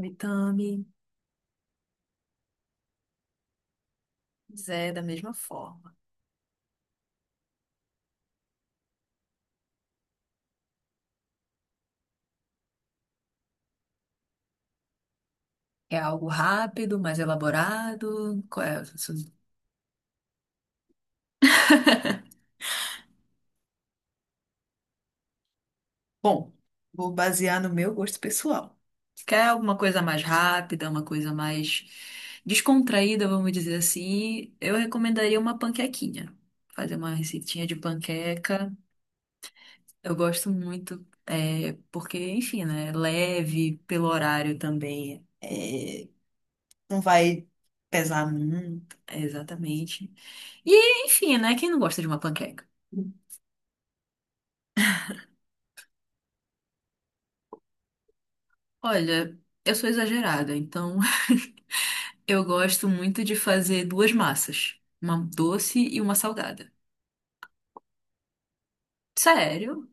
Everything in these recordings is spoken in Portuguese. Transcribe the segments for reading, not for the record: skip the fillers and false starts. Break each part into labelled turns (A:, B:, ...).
A: Mitame, pois é da mesma forma. É algo rápido, mais elaborado. Qual é? Bom, vou basear no meu gosto pessoal. Quer alguma coisa mais rápida, uma coisa mais descontraída, vamos dizer assim, eu recomendaria uma panquequinha. Fazer uma receitinha de panqueca. Eu gosto muito, é, porque, enfim, né? Leve pelo horário também. Não vai pesar muito. É, exatamente. E, enfim, né? Quem não gosta de uma panqueca? Olha, eu sou exagerada, então eu gosto muito de fazer duas massas, uma doce e uma salgada. Sério?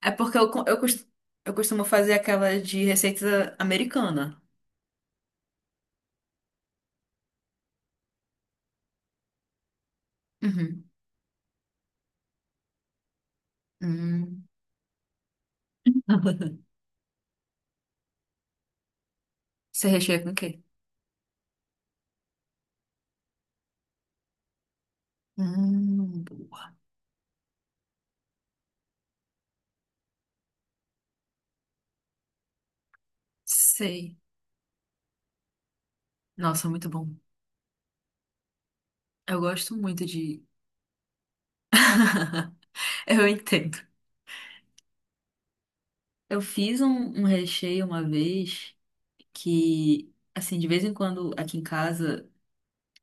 A: É porque eu costumo fazer aquela de receita americana. Uhum. Hum. Você recheia com o quê? Hum. Boa. Sei. Nossa, muito bom. Eu gosto muito de. Eu entendo. Eu fiz um, um recheio uma vez que, assim, de vez em quando aqui em casa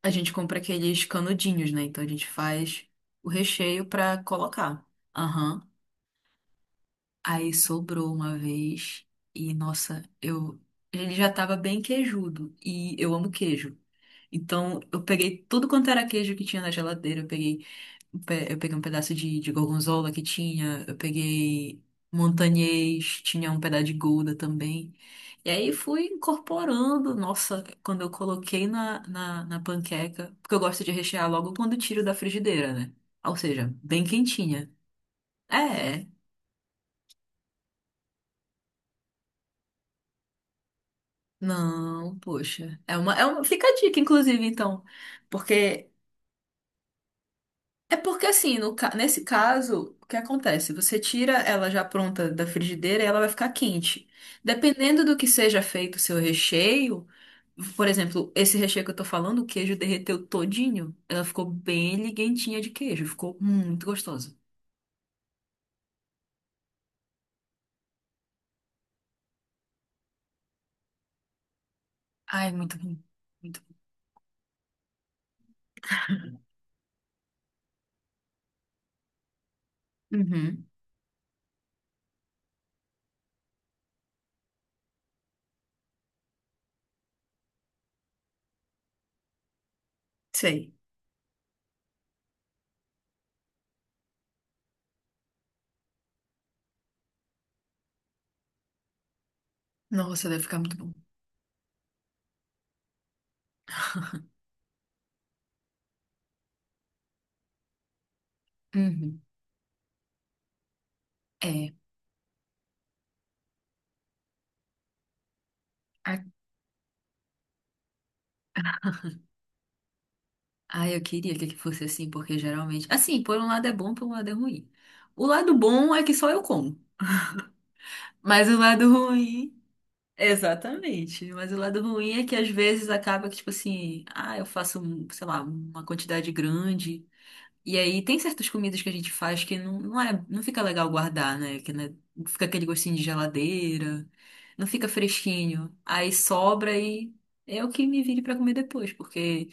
A: a gente compra aqueles canudinhos, né? Então a gente faz o recheio pra colocar. Aham. Aí sobrou uma vez e, nossa, eu. Ele já tava bem queijudo e eu amo queijo. Então eu peguei tudo quanto era queijo que tinha na geladeira. Eu peguei um pe- Eu peguei um pedaço de gorgonzola que tinha, eu peguei montanhês, tinha um pedaço de gouda também. E aí fui incorporando, nossa, quando eu coloquei na panqueca, porque eu gosto de rechear logo quando tiro da frigideira, né? Ou seja, bem quentinha. É, é. Não, poxa. Fica a dica, inclusive, então. Porque É porque assim, no ca- nesse caso, o que acontece? Você tira ela já pronta da frigideira e ela vai ficar quente. Dependendo do que seja feito o seu recheio, por exemplo, esse recheio que eu tô falando, o queijo derreteu todinho. Ela ficou bem liguentinha de queijo, ficou muito gostosa. Ai, muito bom. Muito bom. Uhum, sei. Nossa, deve ficar muito bom. Uhum, é. A- Ah, eu queria que fosse assim, porque geralmente. Assim, por um lado é bom, por um lado é ruim. O lado bom é que só eu como. Mas o lado ruim. Exatamente. Mas o lado ruim é que às vezes acaba que, tipo assim, ah, eu faço, um, sei lá, uma quantidade grande. E aí tem certas comidas que a gente faz que não, não é, não fica legal guardar, né? Que, né, fica aquele gostinho de geladeira, não fica fresquinho. Aí sobra e é o que me vire pra comer depois, porque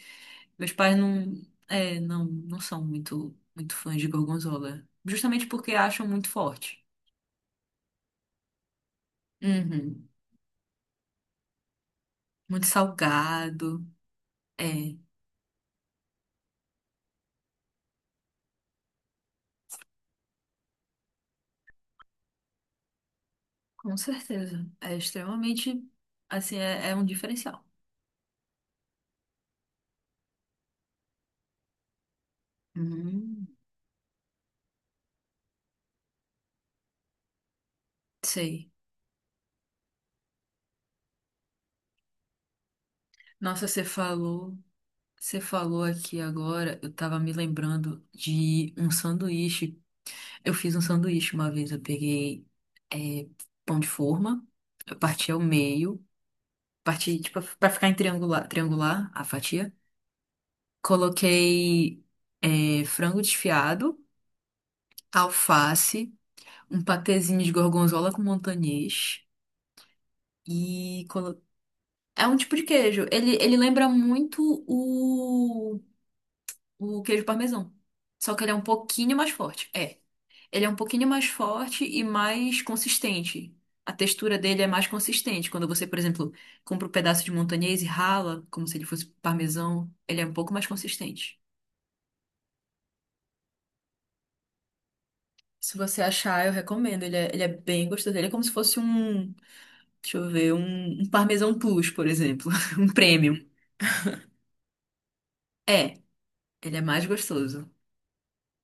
A: meus pais não, é, não são muito, muito fãs de gorgonzola. Justamente porque acham muito forte. Uhum. Muito salgado. É, com certeza. É extremamente, assim, é um diferencial. Hum, sei. Nossa, você falou aqui agora, eu tava me lembrando de um sanduíche. Eu fiz um sanduíche uma vez, eu peguei é, pão de forma, eu parti ao meio, parti, tipo, pra ficar em triangular, triangular a fatia. Coloquei frango desfiado, alface, um patezinho de gorgonzola com montanhês. E colo- é um tipo de queijo. Ele lembra muito o queijo parmesão. Só que ele é um pouquinho mais forte. É. Ele é um pouquinho mais forte e mais consistente. A textura dele é mais consistente. Quando você, por exemplo, compra um pedaço de montanhês e rala, como se ele fosse parmesão, ele é um pouco mais consistente. Se você achar, eu recomendo. Ele é bem gostoso. Ele é como se fosse um, deixa eu ver, um parmesão plus, por exemplo. Um premium. É, ele é mais gostoso.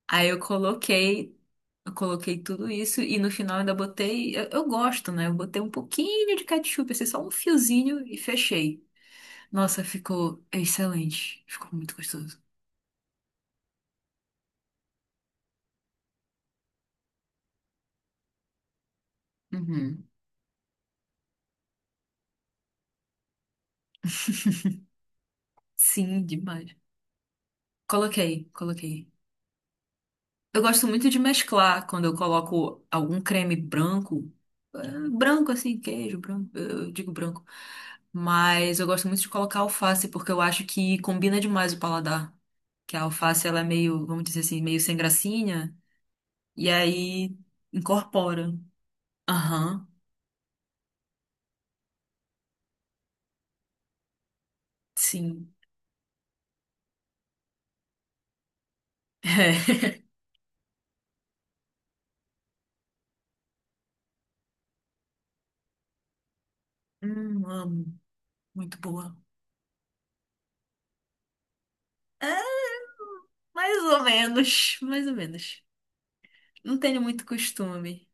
A: Aí eu coloquei tudo isso e no final ainda botei, eu gosto, né? Eu botei um pouquinho de ketchup, assim, só um fiozinho e fechei. Nossa, ficou excelente. Ficou muito gostoso. Uhum. Sim, demais. Coloquei, coloquei. Eu gosto muito de mesclar quando eu coloco algum creme branco, branco assim, queijo branco, eu digo branco, mas eu gosto muito de colocar alface porque eu acho que combina demais o paladar, que a alface ela é meio, vamos dizer assim, meio sem gracinha e aí incorpora. Aham, sim. É. Amo, muito boa. É, mais ou menos, mais ou menos. Não tenho muito costume.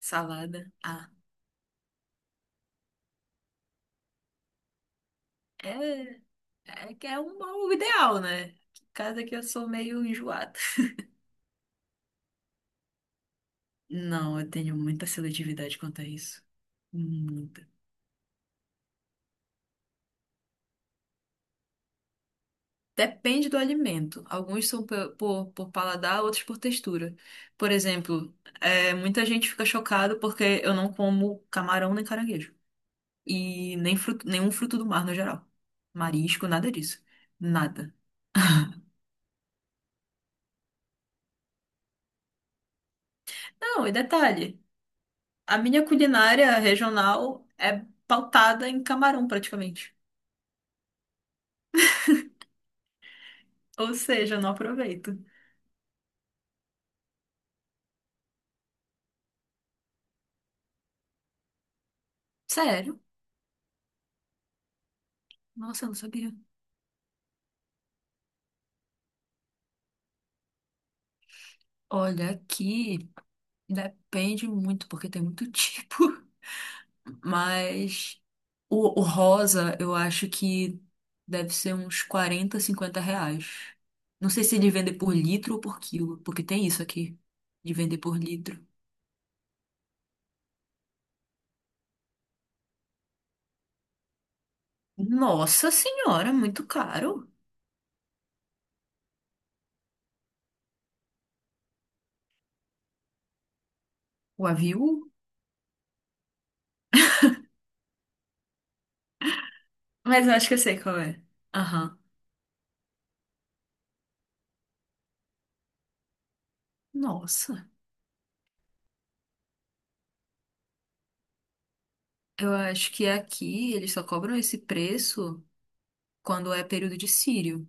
A: Salada. Ah, é. É que é um bom ideal, né? Caso é que eu sou meio enjoada. Não, eu tenho muita seletividade quanto a isso. Muita. Depende do alimento. Alguns são por paladar, outros por textura. Por exemplo, muita gente fica chocada porque eu não como camarão nem caranguejo. E nem fruto, nenhum fruto do mar no geral. Marisco, nada disso. Nada. Não, e detalhe, a minha culinária regional é pautada em camarão praticamente. Ou seja, eu não aproveito. Sério? Nossa, eu não sabia. Olha, aqui depende muito, porque tem muito tipo. Mas o rosa, eu acho que deve ser uns 40, 50 reais. Não sei se ele vende por litro ou por quilo, porque tem isso aqui, de vender por litro. Nossa senhora, muito caro. O avião? Mas eu acho que eu sei qual é. Aham. Nossa, eu acho que aqui eles só cobram esse preço. Quando é período de sírio,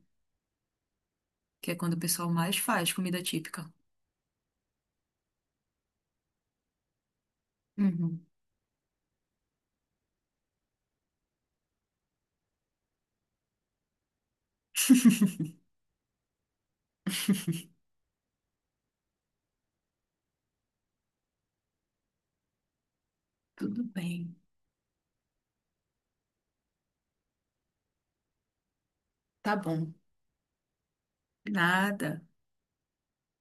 A: que é quando o pessoal mais faz comida típica. Uhum. Tudo bem. Tá bom. Nada.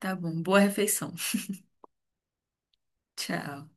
A: Tá bom. Boa refeição. Tchau.